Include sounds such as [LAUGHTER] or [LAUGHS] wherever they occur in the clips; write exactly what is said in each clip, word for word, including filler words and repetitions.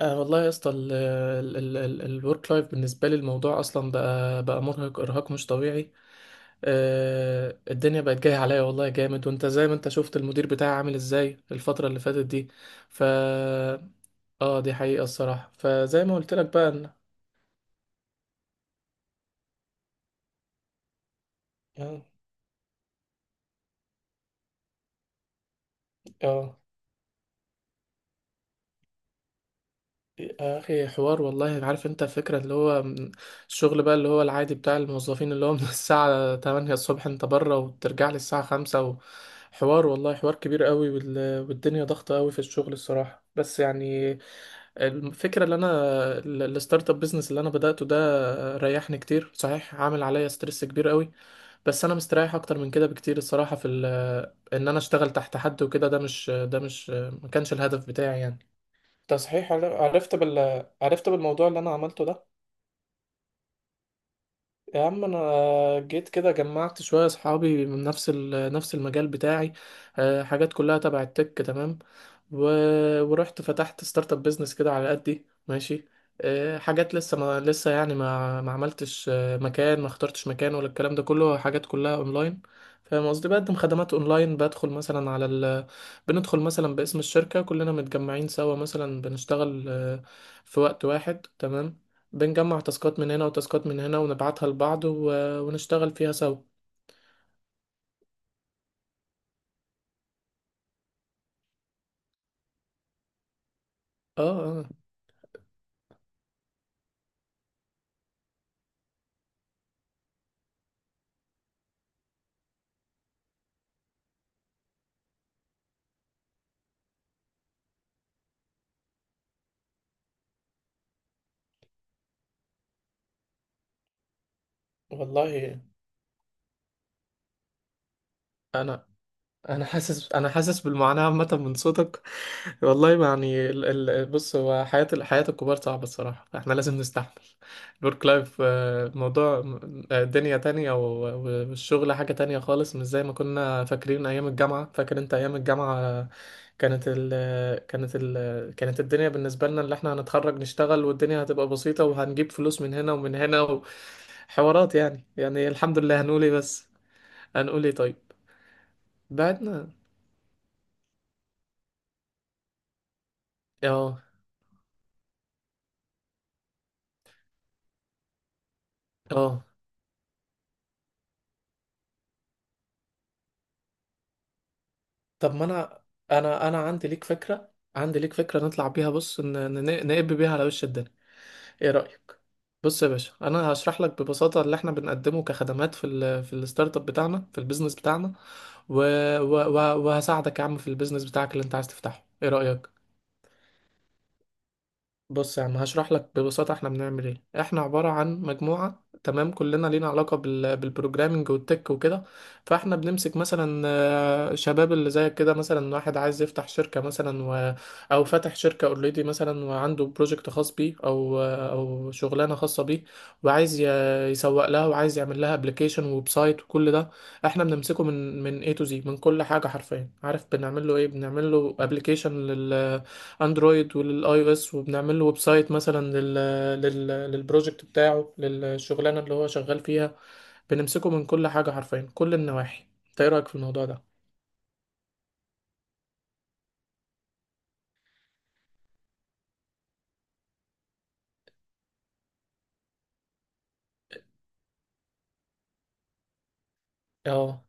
آه والله يا اسطى الورك لايف، بالنسبه لي الموضوع اصلا بقى بقى مرهق ارهاق مش طبيعي. آه الدنيا بقت جايه عليا والله جامد، وانت زي ما انت شفت المدير بتاعي عامل ازاي الفتره اللي فاتت دي. ف اه دي حقيقه الصراحه، فزي ما قلت لك بقى إن- اه. آه. يا اخي حوار والله، عارف انت الفكره اللي هو من- الشغل بقى اللي هو العادي بتاع الموظفين، اللي هو من [LAUGHS] الساعه الثامنة الصبح انت بره وترجع لي الساعه خمسة. حوار والله، حوار كبير قوي، وال- والدنيا ضغطه قوي في الشغل الصراحه، بس يعني الفكره اللي انا، ال- الستارت اب بيزنس اللي انا بداته ده ريحني كتير. صحيح عامل عليا ستريس كبير قوي، بس انا مستريح اكتر من كده بكتير الصراحه، في ال- ان انا اشتغل تحت حد وكده. ده مش ده مش ما كانش الهدف بتاعي يعني. ده صحيح. عر- عرفت بال... عرفت بالموضوع اللي انا عملته ده. يا عم انا جيت كده جمعت شويه اصحابي من نفس ال- نفس المجال بتاعي، آه، حاجات كلها تبع التك تمام. و... ورحت فتحت ستارت اب بيزنس كده على قدي ماشي. آه، حاجات لسه، ما لسه يعني ما ما عملتش، آه، مكان ما اخترتش مكان، ولا الكلام ده كله حاجات كلها اونلاين. فاهم قصدي، بقدم خدمات اونلاين. بدخل مثلا على ال... بندخل مثلا باسم الشركه، كلنا متجمعين سوا، مثلا بنشتغل آه، في وقت واحد تمام. بنجمع تاسكات من هنا وتاسكات من هنا ونبعتها لبعض و... ونشتغل فيها سوا. اه، اه، والله انا انا حاسس انا حاسس بالمعاناه عامه من صوتك. [LAUGHS] والله يعني ال... ال... بص، هو حياه ال- حياه الكبار صعبه الصراحه، فاحنا لازم نستحمل الورك لايف. موضوع، آه، دنيا تانية، و- و- والشغل حاجه تانية خالص، مش زي ما كنا فاكرين ايام الجامعه. فاكر انت ايام الجامعه، آه، كانت ال... كانت ال... كانت الدنيا بالنسبه لنا اللي احنا هنتخرج نشتغل، والدنيا هتبقى بسيطه، وهنجيب فلوس من هنا ومن هنا وحوارات يعني يعني الحمد لله، هنقول ايه بس، هنقول ايه طيب. بعدنا. اه، اه. طب ما انا، انا انا عندي ليك فكره، عندي ليك فكره نطلع بيها. بص ن- ن- نقب بيها على وش الدنيا، ايه رايك؟ بص يا باشا، انا هشرح لك ببساطه اللي احنا بنقدمه كخدمات في ال في الستارت اب بتاعنا، في البيزنس بتاعنا، و و و وهساعدك يا عم في البيزنس بتاعك اللي انت عايز تفتحه. ايه رايك؟ بص يا عم هشرح لك ببساطة احنا بنعمل ايه. احنا عبارة عن مجموعة تمام، كلنا لينا علاقة بال... بالبروجرامينج والتك وكده. فاحنا بنمسك مثلا، آه، شباب اللي زيك كده، مثلا واحد عايز يفتح شركة مثلا، و... او فاتح شركة اوريدي مثلا، وعنده بروجكت خاص بيه، او آه، او شغلانة خاصة بيه، وعايز ي... يسوق لها، وعايز يعمل لها ابلكيشن، ويب سايت، وكل ده. احنا بنمسكه من من A to Z، من كل حاجة حرفيا. عارف بنعمل له ايه؟ بنعمل له ابلكيشن اندرويد وللاي او اس، وبنعمل له ويب سايت مثلا لل لل للبروجكت بتاعه، للشغلانه اللي هو شغال فيها. بنمسكه من كل حاجه حرفيا، كل النواحي. انت ايه رايك في الموضوع ده؟ اه،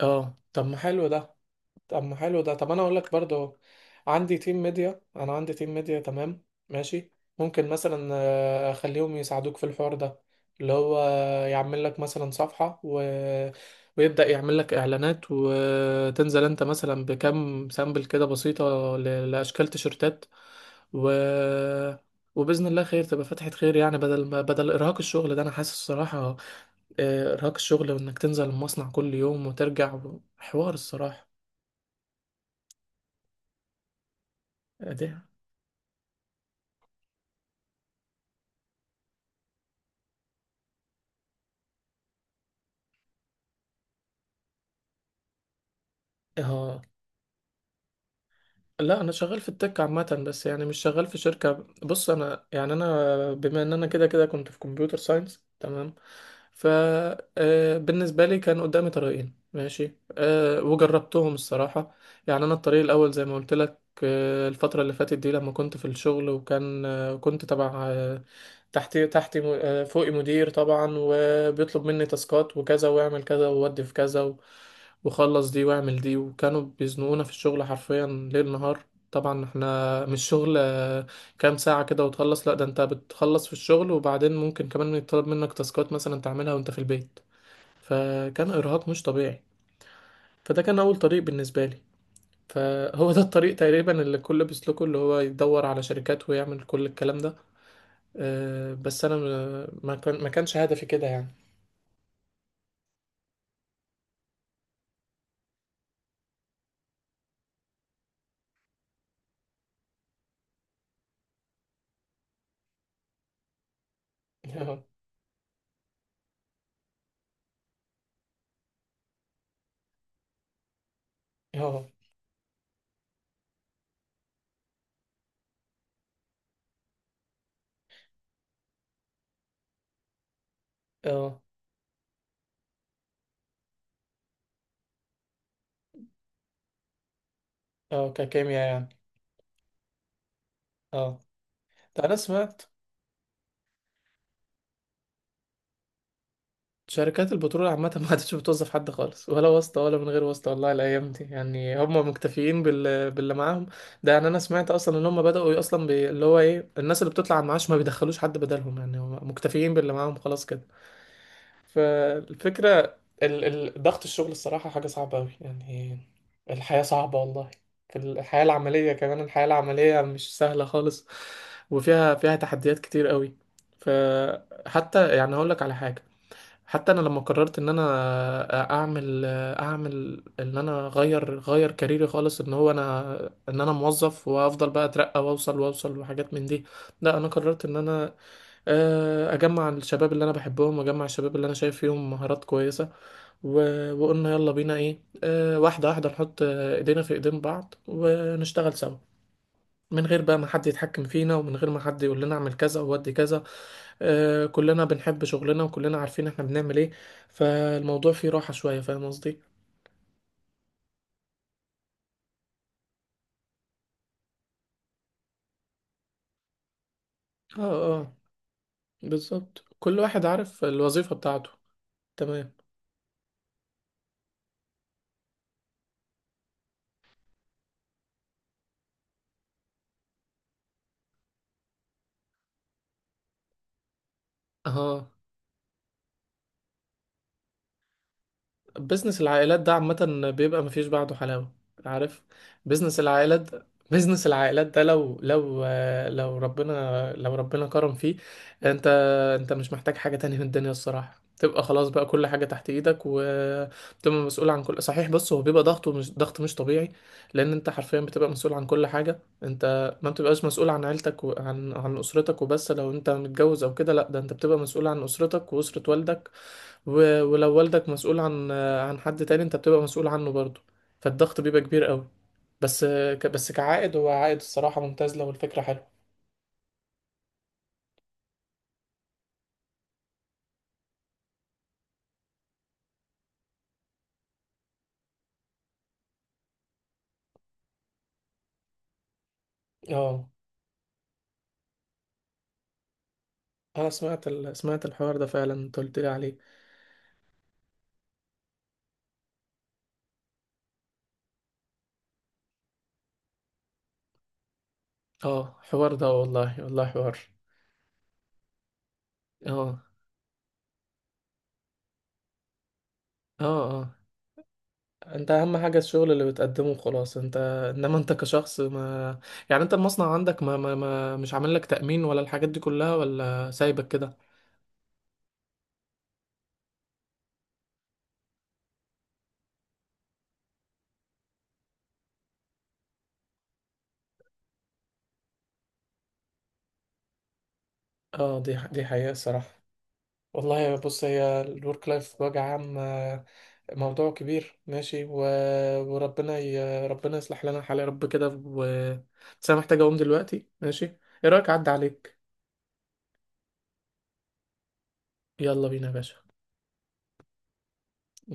اه. طب ما حلو ده طب ما حلو ده طب انا اقول لك برضو، عندي تيم ميديا انا عندي تيم ميديا تمام ماشي. ممكن مثلا، آه، اخليهم يساعدوك في الحوار ده، اللي هو يعمل لك مثلا صفحة، و... ويبدأ يعمل لك اعلانات، وتنزل انت مثلا بكم سامبل كده بسيطة ل... لاشكال تيشرتات، و... وبإذن الله خير تبقى فتحة خير يعني. بدل ما بدل إرهاق الشغل ده، أنا حاسس الصراحة آه، إرهاق الشغل وإنك تنزل المصنع كل يوم وترجع، حوار الصراحة دي. اه. لا انا شغال في التك عامه، بس يعني مش شغال في شركه. بص انا يعني، انا بما ان انا كده كده كنت في كمبيوتر ساينس تمام. ف آه، بالنسبه لي كان قدامي طريقين ماشي، آه، وجربتهم الصراحه. يعني انا الطريق الاول زي ما قلت لك، آه، الفتره اللي فاتت دي لما كنت في الشغل، وكان آه، كنت تبع آه، تحتي تحتي م- آه، فوقي مدير طبعا، بيطلب مني تاسكات وكذا، واعمل كذا، وودي في كذا، و... وخلص دي واعمل دي. وكانوا بيزنقونا في الشغل حرفيا ليل نهار. طبعا احنا مش شغل آه، كام ساعة كده وتخلص، لا ده انت بتخلص في الشغل، وبعدين ممكن كمان يطلب منك تاسكات مثلا تعملها وانت في البيت، فكان ارهاق مش طبيعي. فده كان اول طريق بالنسبة لي، فهو ده الطريق تقريبا اللي الكل بيسلكه، اللي هو يدور على شركات ويعمل كل الكلام ده، آه، بس انا ما ما كان ما كانش هدفي كده يعني. [LAUGHS] اه. اه. آه. اه ككيمياء يعني، اه. ده انا سمعت. شركات البترول عامة [LAUGHS] ما عادتش بتوظف حد خالص، ولا واسطة ولا من غير واسطة والله، الأيام دي يعني هم مكتفيين بال... باللي معاهم. ده يعني أنا سمعت أصلا إن هم بدأوا أصلا ب... اللي هو إيه، الناس اللي بتطلع على المعاش ما بيدخلوش حد بدلهم، يعني هم مكتفيين باللي معاهم خلاص كده. فالفكرة، ال- ال- ضغط الشغل الصراحة حاجة صعبة أوي يعني. الحياة صعبة والله، في الحياة العملية كمان الحياة العملية مش سهلة خالص، وفيها فيها تحديات كتير أوي. فحتى يعني هقولك على حاجة، حتى انا لما قررت ان انا اعمل، اعمل ان انا اغير غير كاريري خالص، ان هو انا، ان انا موظف وافضل بقى اترقى واوصل، واوصل وحاجات من دي. لا انا قررت ان انا، آه، اجمع الشباب اللي انا بحبهم، واجمع الشباب اللي انا شايف فيهم مهارات كويسة، و... وقلنا يلا بينا ايه، آه، واحدة واحدة، نحط آه، ايدينا في ايدين بعض، ونشتغل سوا من غير بقى ما حد يتحكم فينا، ومن غير ما حد يقول لنا اعمل كذا او ودي كذا. آه كلنا بنحب شغلنا، وكلنا عارفين احنا بنعمل ايه، فالموضوع فيه راحة شوية فاهم قصدي. اه، اه. بالظبط، كل واحد عارف الوظيفة بتاعته. تمام. اه. بزنس العائلات ده عامة بيبقى مفيش بعده حلاوة عارف. بزنس العائلات، بزنس العائلات ده لو لو لو ربنا لو ربنا كرم فيه، انت، انت مش محتاج حاجة تانية من الدنيا الصراحة، تبقى خلاص بقى كل حاجة تحت ايدك، وتبقى مسؤول عن كل، صحيح. بص هو بيبقى ضغطه مش ضغط مش طبيعي، لان انت حرفيا بتبقى مسؤول عن كل حاجة. انت ما بتبقاش مسؤول عن عيلتك وعن عن اسرتك وبس، لو انت متجوز او كده، لا ده انت بتبقى مسؤول عن اسرتك واسرة والدك، و- ولو والدك مسؤول عن عن حد تاني، انت بتبقى مسؤول عنه برضه، فالضغط بيبقى كبير قوي. بس ك... بس كعائد هو عائد الصراحة ممتاز لو الفكرة حلوة. اه انا سمعت ال... سمعت الحوار ده فعلا، انت قلت لي عليه. اه حوار ده والله، والله حوار. اه، اه، اه. انت اهم حاجة الشغل اللي بتقدمه خلاص، انت، انما انت كشخص، ما يعني انت المصنع عندك ما, ما... ما... مش عامل لك تأمين ولا الحاجات دي كلها، ولا سايبك كده. اه دي دي حقيقة الصراحة. والله بص هي الورك لايف بوجه عام، آه، موضوع كبير ماشي، و... وربنا ي... ربنا يصلح لنا الحال يا رب كده، و... بس انا محتاج اقوم دلوقتي ماشي. ايه رايك اعدي عليك؟ يلا بينا يا باشا.